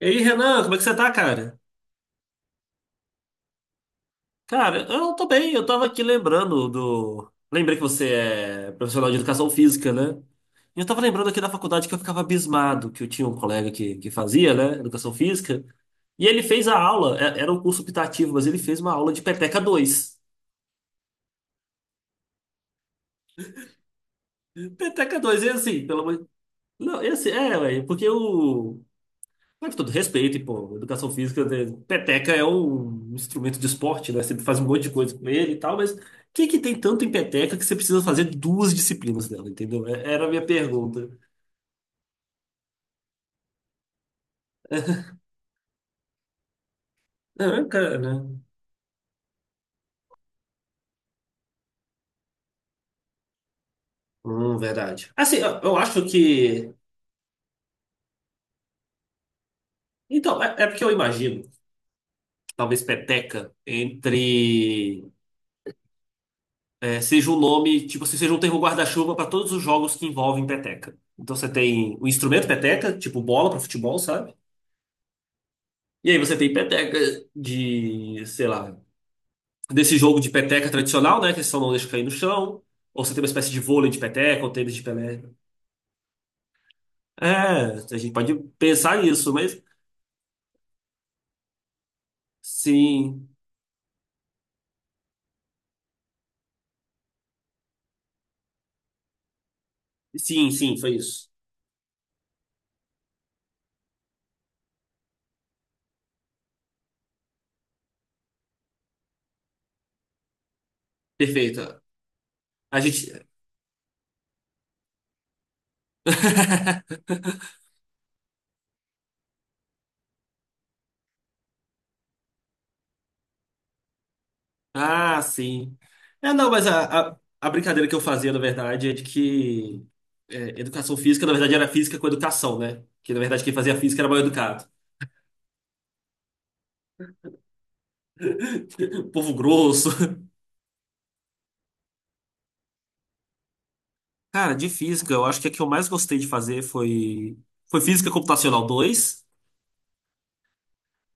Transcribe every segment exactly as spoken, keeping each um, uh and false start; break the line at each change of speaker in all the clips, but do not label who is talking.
E aí, Renan, como é que você tá, cara? Cara, eu tô bem, eu tava aqui lembrando do. Lembrei que você é profissional de educação física, né? E eu tava lembrando aqui da faculdade que eu ficava abismado, que eu tinha um colega que, que fazia, né, educação física, e ele fez a aula, é- era um curso optativo, mas ele fez uma aula de peteca dois. Peteca dois e assim, pelo amor. Não, e assim, é, velho, porque o. Mas com todo respeito, e, pô, educação física, né, peteca é um instrumento de esporte, né? Você faz um monte de coisa com ele e tal, mas o que que tem tanto em peteca que você precisa fazer duas disciplinas dela, entendeu? É- Era a minha pergunta. Ah, cara, né? Hum, verdade. Assim, eu, eu acho que. Então, é, é porque eu imagino, talvez peteca entre. é, seja um nome, tipo assim, seja um termo guarda-chuva para todos os jogos que envolvem peteca. Então você tem o instrumento peteca, tipo bola para futebol, sabe? E aí você tem peteca de, sei lá, desse jogo de peteca tradicional, né? Que só não deixa cair no chão. Ou você tem uma espécie de vôlei de peteca, ou tênis de peteca. É, a gente pode pensar nisso, mas sim, sim, sim, foi isso. Perfeito. A gente. Ah, sim. É, não, mas a, a, a brincadeira que eu fazia, na verdade, é de que é, educação física, na verdade, era física com educação, né? Que, na verdade, quem fazia física era mal educado. Povo grosso. Cara, de física, eu acho que a que eu mais gostei de fazer foi, foi Física Computacional dois.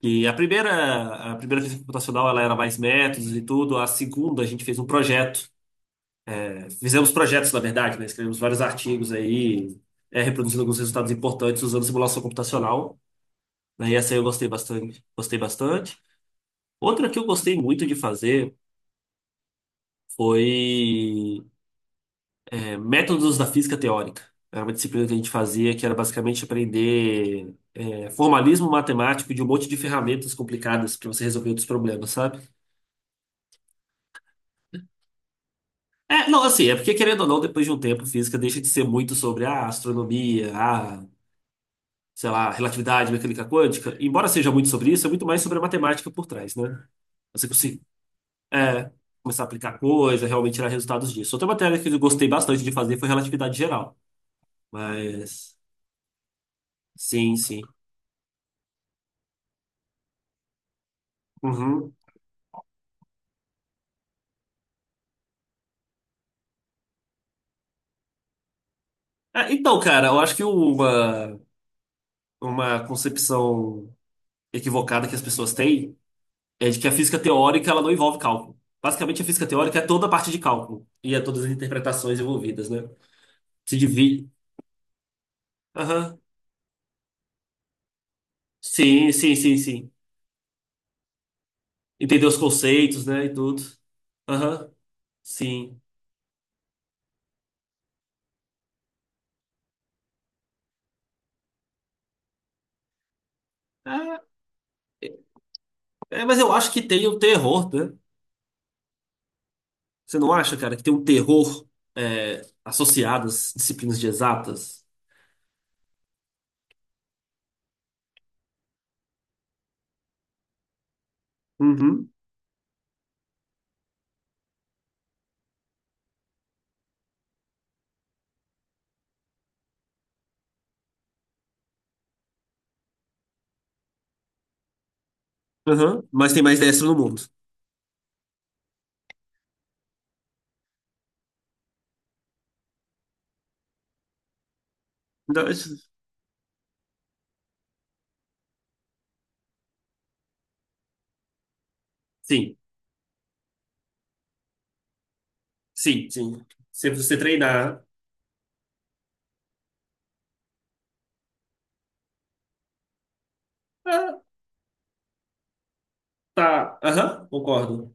E a primeira, a primeira física computacional ela era mais métodos e tudo. A segunda a gente fez um projeto. É, fizemos projetos, na verdade, né? Escrevemos vários artigos aí, é, reproduzindo alguns resultados importantes usando simulação computacional. Né, e essa aí eu gostei bastante, gostei bastante. Outra que eu gostei muito de fazer foi é, Métodos da Física Teórica. Era uma disciplina que a gente fazia que era basicamente aprender. é, formalismo matemático de um monte de ferramentas complicadas para você resolver outros problemas, sabe? É, não, assim, é porque querendo ou não, depois de um tempo, física deixa de ser muito sobre a astronomia, a, sei lá, relatividade, mecânica quântica. Embora seja muito sobre isso, é muito mais sobre a matemática por trás, né? Você conseguir é, começar a aplicar coisa, realmente tirar resultados disso. Outra matéria que eu gostei bastante de fazer foi relatividade geral, mas sim, sim. Uhum. É, então, cara, eu acho que uma, uma concepção equivocada que as pessoas têm é de que a física teórica ela não envolve cálculo. Basicamente, a física teórica é toda a parte de cálculo e é todas as interpretações envolvidas, né? Se divide. Aham. Sim, sim, sim, sim. Entender os conceitos, né? E tudo. Aham. Sim. É, é, mas eu acho que tem o terror, né? Você não acha, cara, que tem um terror é, associado às disciplinas de exatas? Uhum. Aham. Mas tem mais dessa no mundo. Então, é isso- Sim, sim, sim. Se você treinar. Ah, tá. Aham, concordo.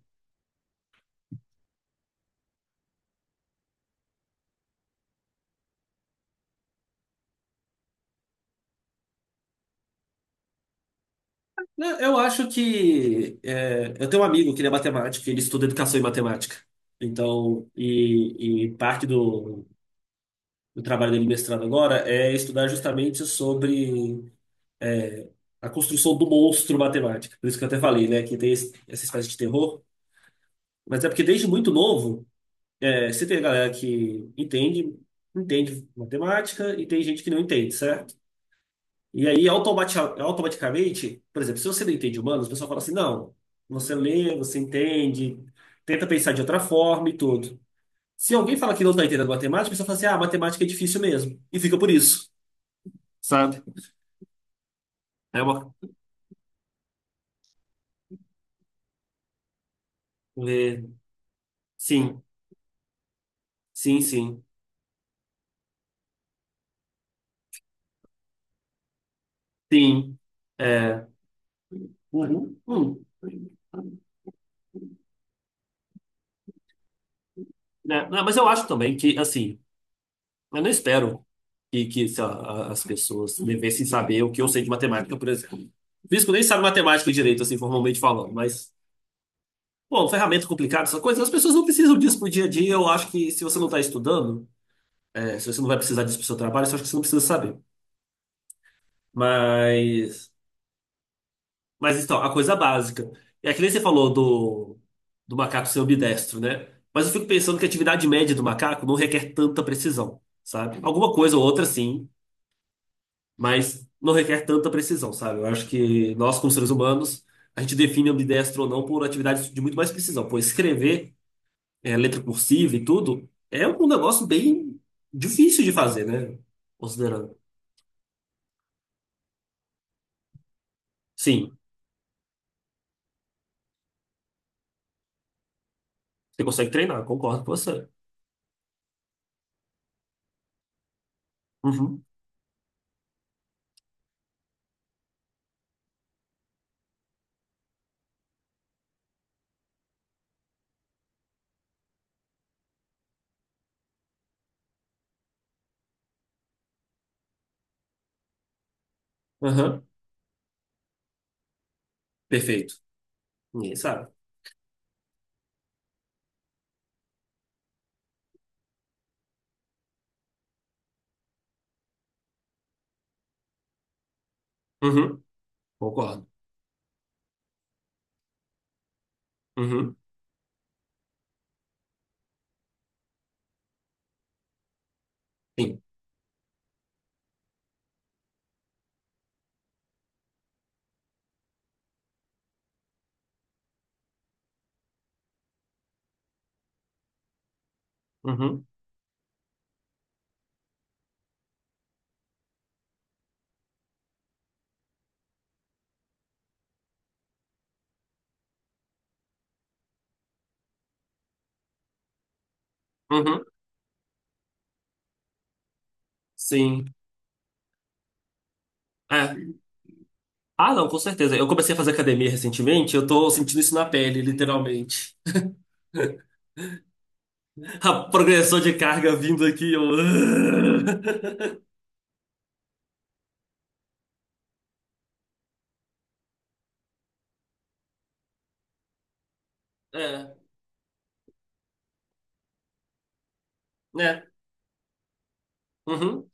Não, eu acho que. é, Eu tenho um amigo que ele é matemático, ele estuda educação e matemática. Então, e, e parte do, do trabalho dele mestrado agora é estudar justamente sobre é, a construção do monstro matemática. Por isso que eu até falei, né, que tem esse- essa espécie de terror. Mas é porque desde muito novo, é, você tem a galera que entende, entende matemática e tem gente que não entende, certo? E aí, automati- automaticamente, por exemplo, se você não entende humanos, o pessoal fala assim: não, você lê, você entende, tenta pensar de outra forma e tudo. Se alguém fala que não está entendendo matemática, a pessoa fala assim: ah, matemática é difícil mesmo. E fica por isso, sabe? É uma. é, Sim, sim, sim, sim. É. Uhum, hum, né? Não, mas eu acho também que, assim, eu não espero que, que sei lá, a- as pessoas devessem saber o que eu sei de matemática, por exemplo. Físico nem sabe matemática direito, assim, formalmente falando, mas. Bom, ferramenta complicada, essa coisa, as pessoas não precisam disso pro dia a dia. Eu acho que se você não está estudando, é, se você não vai precisar disso pro seu trabalho, eu acho que você não precisa saber. Mas, mas então, a coisa básica. É que nem você falou do, do macaco ser ambidestro, né? Mas eu fico pensando que a atividade média do macaco não requer tanta precisão, sabe? Alguma coisa ou outra, sim, mas não requer tanta precisão, sabe? Eu acho que nós, como seres humanos, a gente define ambidestro ou não por atividades de muito mais precisão. Pô, escrever. é, letra cursiva e tudo, é um negócio bem difícil de fazer, né? Considerando. Sim, você consegue treinar, concordo com você. Uhum, aham, perfeito. Ninguém sabe. Uhum, concordo. Uhum, sim. Uhum, uhum, sim. É. Ah, não, com certeza. Eu comecei a fazer academia recentemente, eu tô sentindo isso na pele, literalmente. A progressão de carga vindo aqui, eu... É, né? Uhum.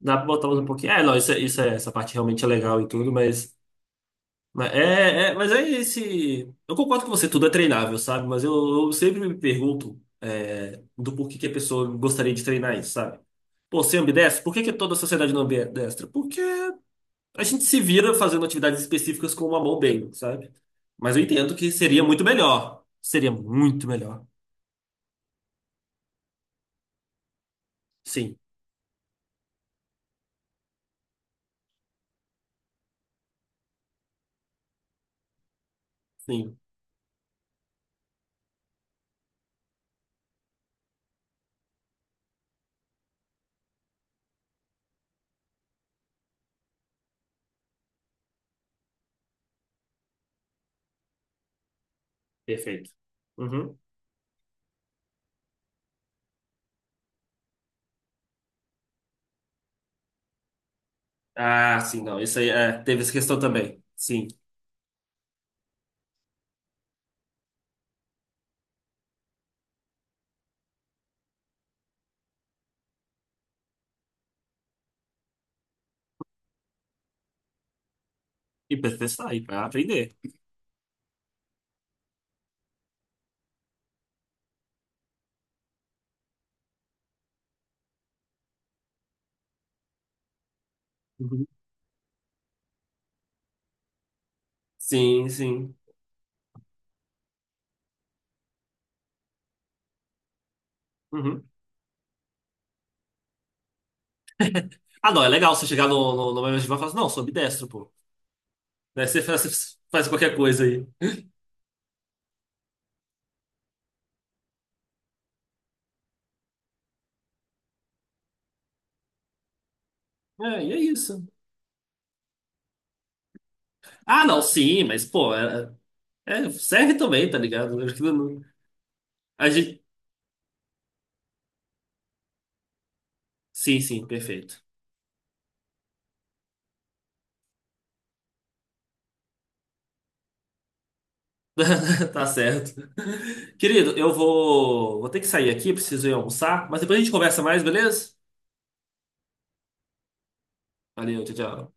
Dá pra botar mais um pouquinho. É, não, isso, é- isso é, essa parte realmente é legal e tudo, mas Mas é, é- mas é esse. Eu concordo com você, tudo é treinável, sabe? Mas eu, eu sempre me pergunto é, do porquê que a pessoa gostaria de treinar isso, sabe? Pô, você é ambidestro? Por que que toda a sociedade não é ambidestra? Porque a gente se vira fazendo atividades específicas com uma mão bem, sabe? Mas eu entendo que seria muito melhor. Seria muito melhor. Sim, sim. Perfeito. Uhum. Ah, sim, não. Isso aí é, teve essa questão também. Sim. E para testar, e para aprender. Uhum. Sim, sim. Uhum. Ah, não, é legal você chegar no, no, no mesmo time e falar assim, não, sou ambidestro, pô. Daí você faz, você faz qualquer coisa aí. É, e é isso. Ah, não, sim, mas, pô, é, é, serve também, tá ligado? Eu acho que não- A gente... Sim, sim, perfeito. Tá certo. Querido, eu vou, vou ter que sair aqui, preciso ir almoçar, mas depois a gente conversa mais, beleza? Valeu, tchau, tchau.